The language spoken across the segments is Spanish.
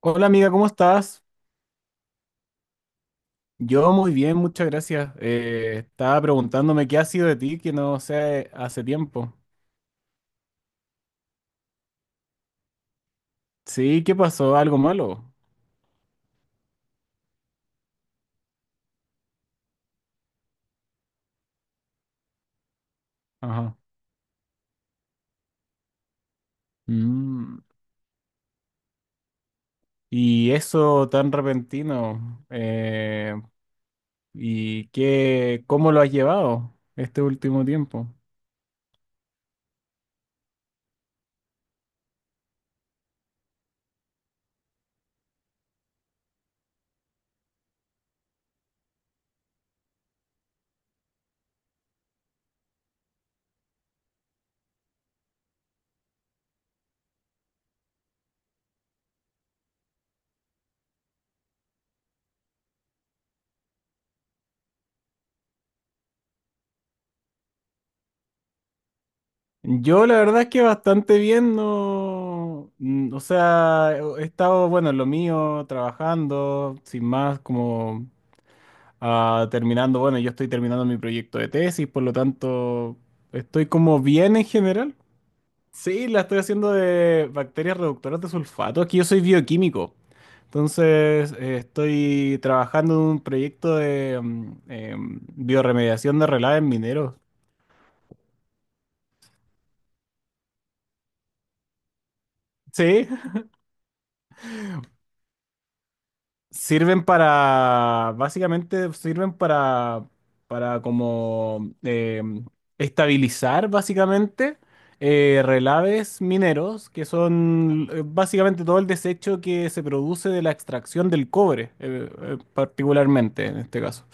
Hola amiga, ¿cómo estás? Yo muy bien, muchas gracias. Estaba preguntándome qué ha sido de ti, que no sé, hace tiempo. Sí, ¿qué pasó? ¿Algo malo? Ajá. Mm, y eso tan repentino. ¿Y qué, cómo lo has llevado este último tiempo? Yo la verdad es que bastante bien, no, o sea, he estado, bueno, en lo mío, trabajando, sin más, terminando, bueno, yo estoy terminando mi proyecto de tesis, por lo tanto, estoy como bien en general. Sí, la estoy haciendo de bacterias reductoras de sulfato. Aquí yo soy bioquímico. Entonces, estoy trabajando en un proyecto de bioremediación de relaves mineros. Sí, sirven para, básicamente sirven para como estabilizar básicamente relaves mineros, que son básicamente todo el desecho que se produce de la extracción del cobre, particularmente en este caso.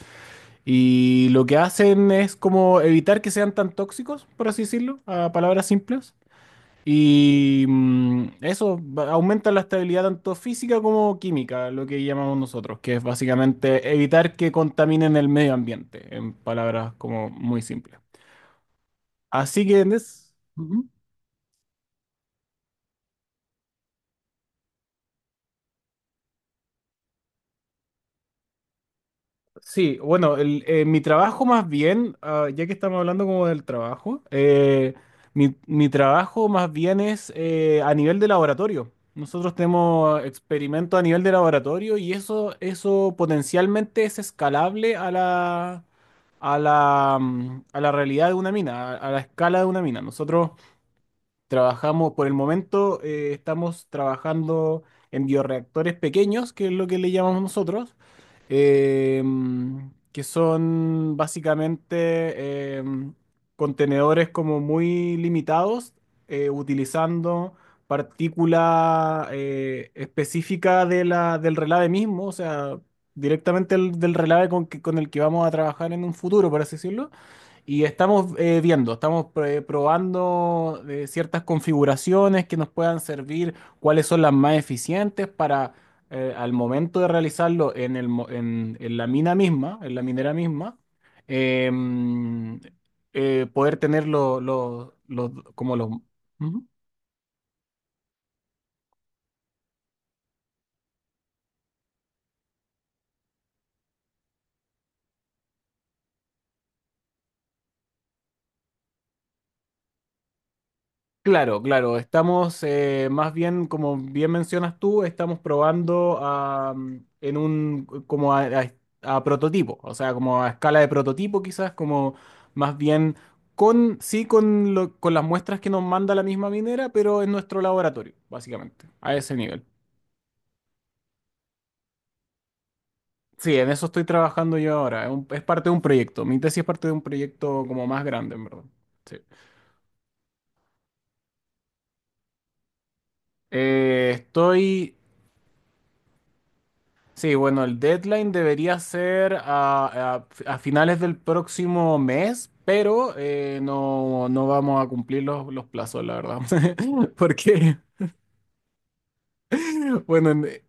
Y lo que hacen es como evitar que sean tan tóxicos, por así decirlo, a palabras simples. Y aumenta la estabilidad tanto física como química, lo que llamamos nosotros, que es básicamente evitar que contaminen el medio ambiente, en palabras como muy simples. Así que, Nes, sí, bueno, mi trabajo más bien, ah, ya que estamos hablando como del trabajo, mi trabajo más bien es a nivel de laboratorio. Nosotros tenemos experimentos a nivel de laboratorio y eso potencialmente es escalable a la realidad de una mina, a la escala de una mina. Nosotros trabajamos, por el momento, estamos trabajando en bioreactores pequeños, que es lo que le llamamos nosotros, que son básicamente contenedores como muy limitados, utilizando partícula específica del relave mismo, o sea, directamente del relave con el que vamos a trabajar en un futuro, por así decirlo, y estamos viendo, estamos probando ciertas configuraciones que nos puedan servir, cuáles son las más eficientes para al momento de realizarlo en la mina misma, en la minera misma, em, poder tener como los... Ujú. Claro, claro, estamos más bien, como bien mencionas tú, estamos probando a, mm, en un, como a prototipo, o sea, como a escala de prototipo quizás, como más bien con, sí, con las muestras que nos manda la misma minera, pero en nuestro laboratorio, básicamente, a ese nivel. Sí, en eso estoy trabajando yo ahora, es parte de un proyecto, mi tesis es parte de un proyecto como más grande, en verdad. Sí. Estoy Sí, bueno, el deadline debería ser a finales del próximo mes, pero no, no vamos a cumplir los plazos, la verdad. Porque, bueno,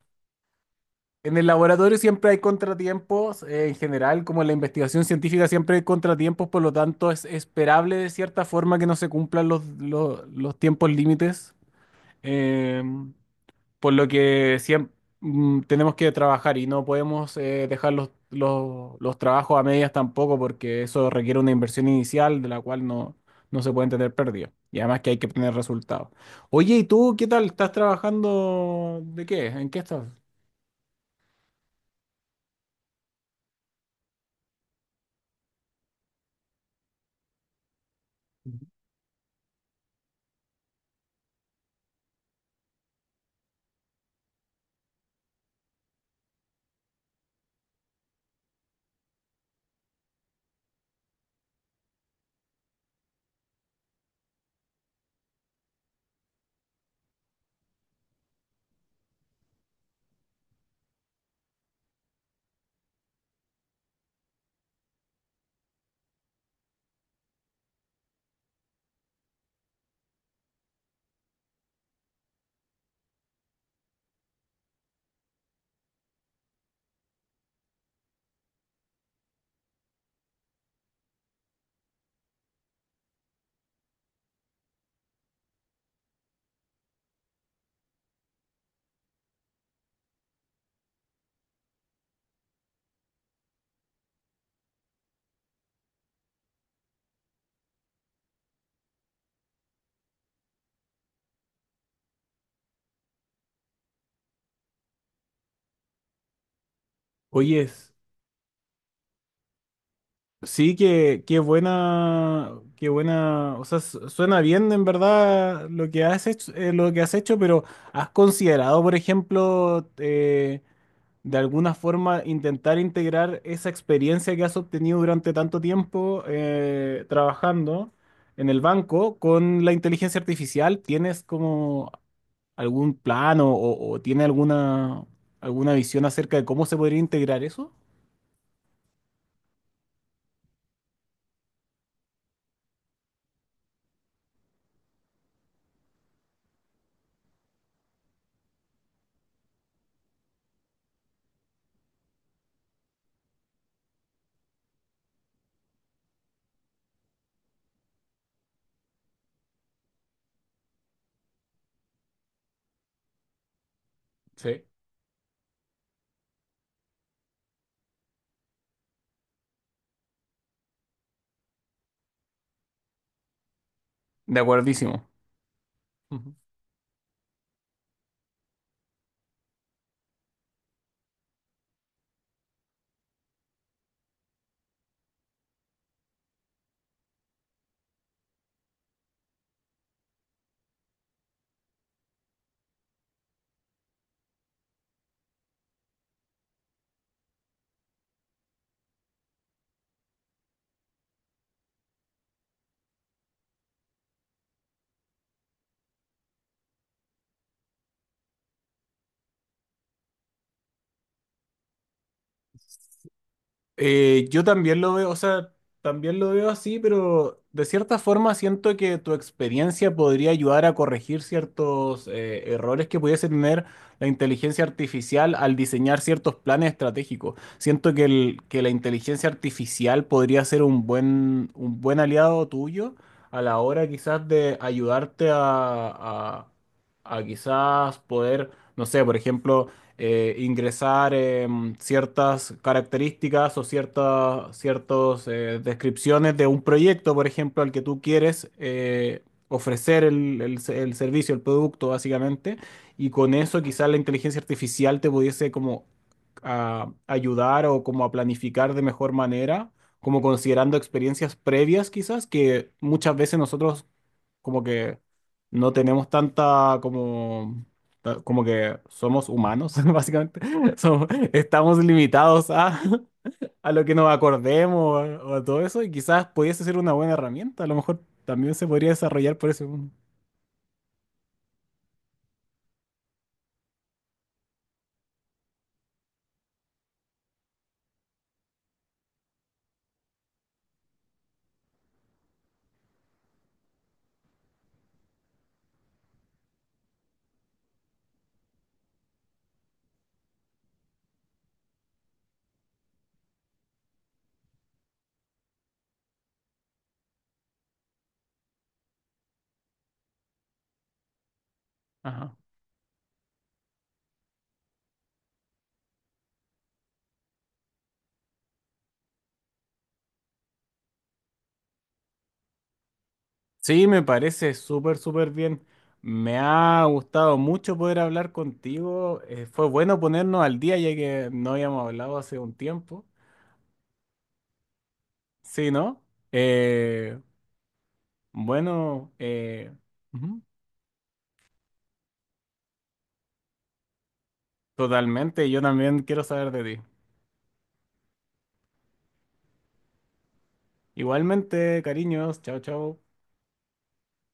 en el laboratorio siempre hay contratiempos, en general, como en la investigación científica siempre hay contratiempos, por lo tanto es esperable de cierta forma que no se cumplan los tiempos límites. Em, por lo que siempre tenemos que trabajar y no podemos dejar los trabajos a medias tampoco, porque eso requiere una inversión inicial de la cual no, no se pueden tener pérdidas. Y además que hay que obtener resultados. Oye, ¿y tú qué tal? ¿Estás trabajando de qué? ¿En qué estás? Ujú. Oye, es- Sí, que qué buena, o sea, suena bien en verdad lo que has hecho, pero ¿has considerado, por ejemplo, de alguna forma intentar integrar esa experiencia que has obtenido durante tanto tiempo trabajando en el banco con la inteligencia artificial? ¿Tienes como algún plan o tiene alguna, alguna visión acerca de cómo se podría integrar eso? Sí. De acuerdísimo. Yo también lo veo, también lo veo así, pero de cierta forma siento que tu experiencia podría ayudar a corregir ciertos errores que pudiese tener la inteligencia artificial al diseñar ciertos planes estratégicos. Siento que, que la inteligencia artificial podría ser un buen aliado tuyo a la hora quizás de ayudarte a a quizás poder, no sé, por ejemplo, ingresar ciertas características o descripciones de un proyecto, por ejemplo, al que tú quieres ofrecer el servicio, el producto, básicamente, y con eso quizás la inteligencia artificial te pudiese como a ayudar o como a planificar de mejor manera, como considerando experiencias previas quizás, que muchas veces nosotros como que no tenemos tanta como como que somos humanos, básicamente. Somos- Estamos limitados a lo que nos acordemos o a todo eso, y quizás pudiese ser una buena herramienta. A lo mejor también se podría desarrollar por eso. Ajá. Sí, me parece súper, súper bien. Me ha gustado mucho poder hablar contigo. Fue bueno ponernos al día, ya que no habíamos hablado hace un tiempo. Sí, ¿no? Eh, bueno, eh, Ujú, totalmente. Yo también quiero saber de ti. Igualmente, cariños, chao, chao.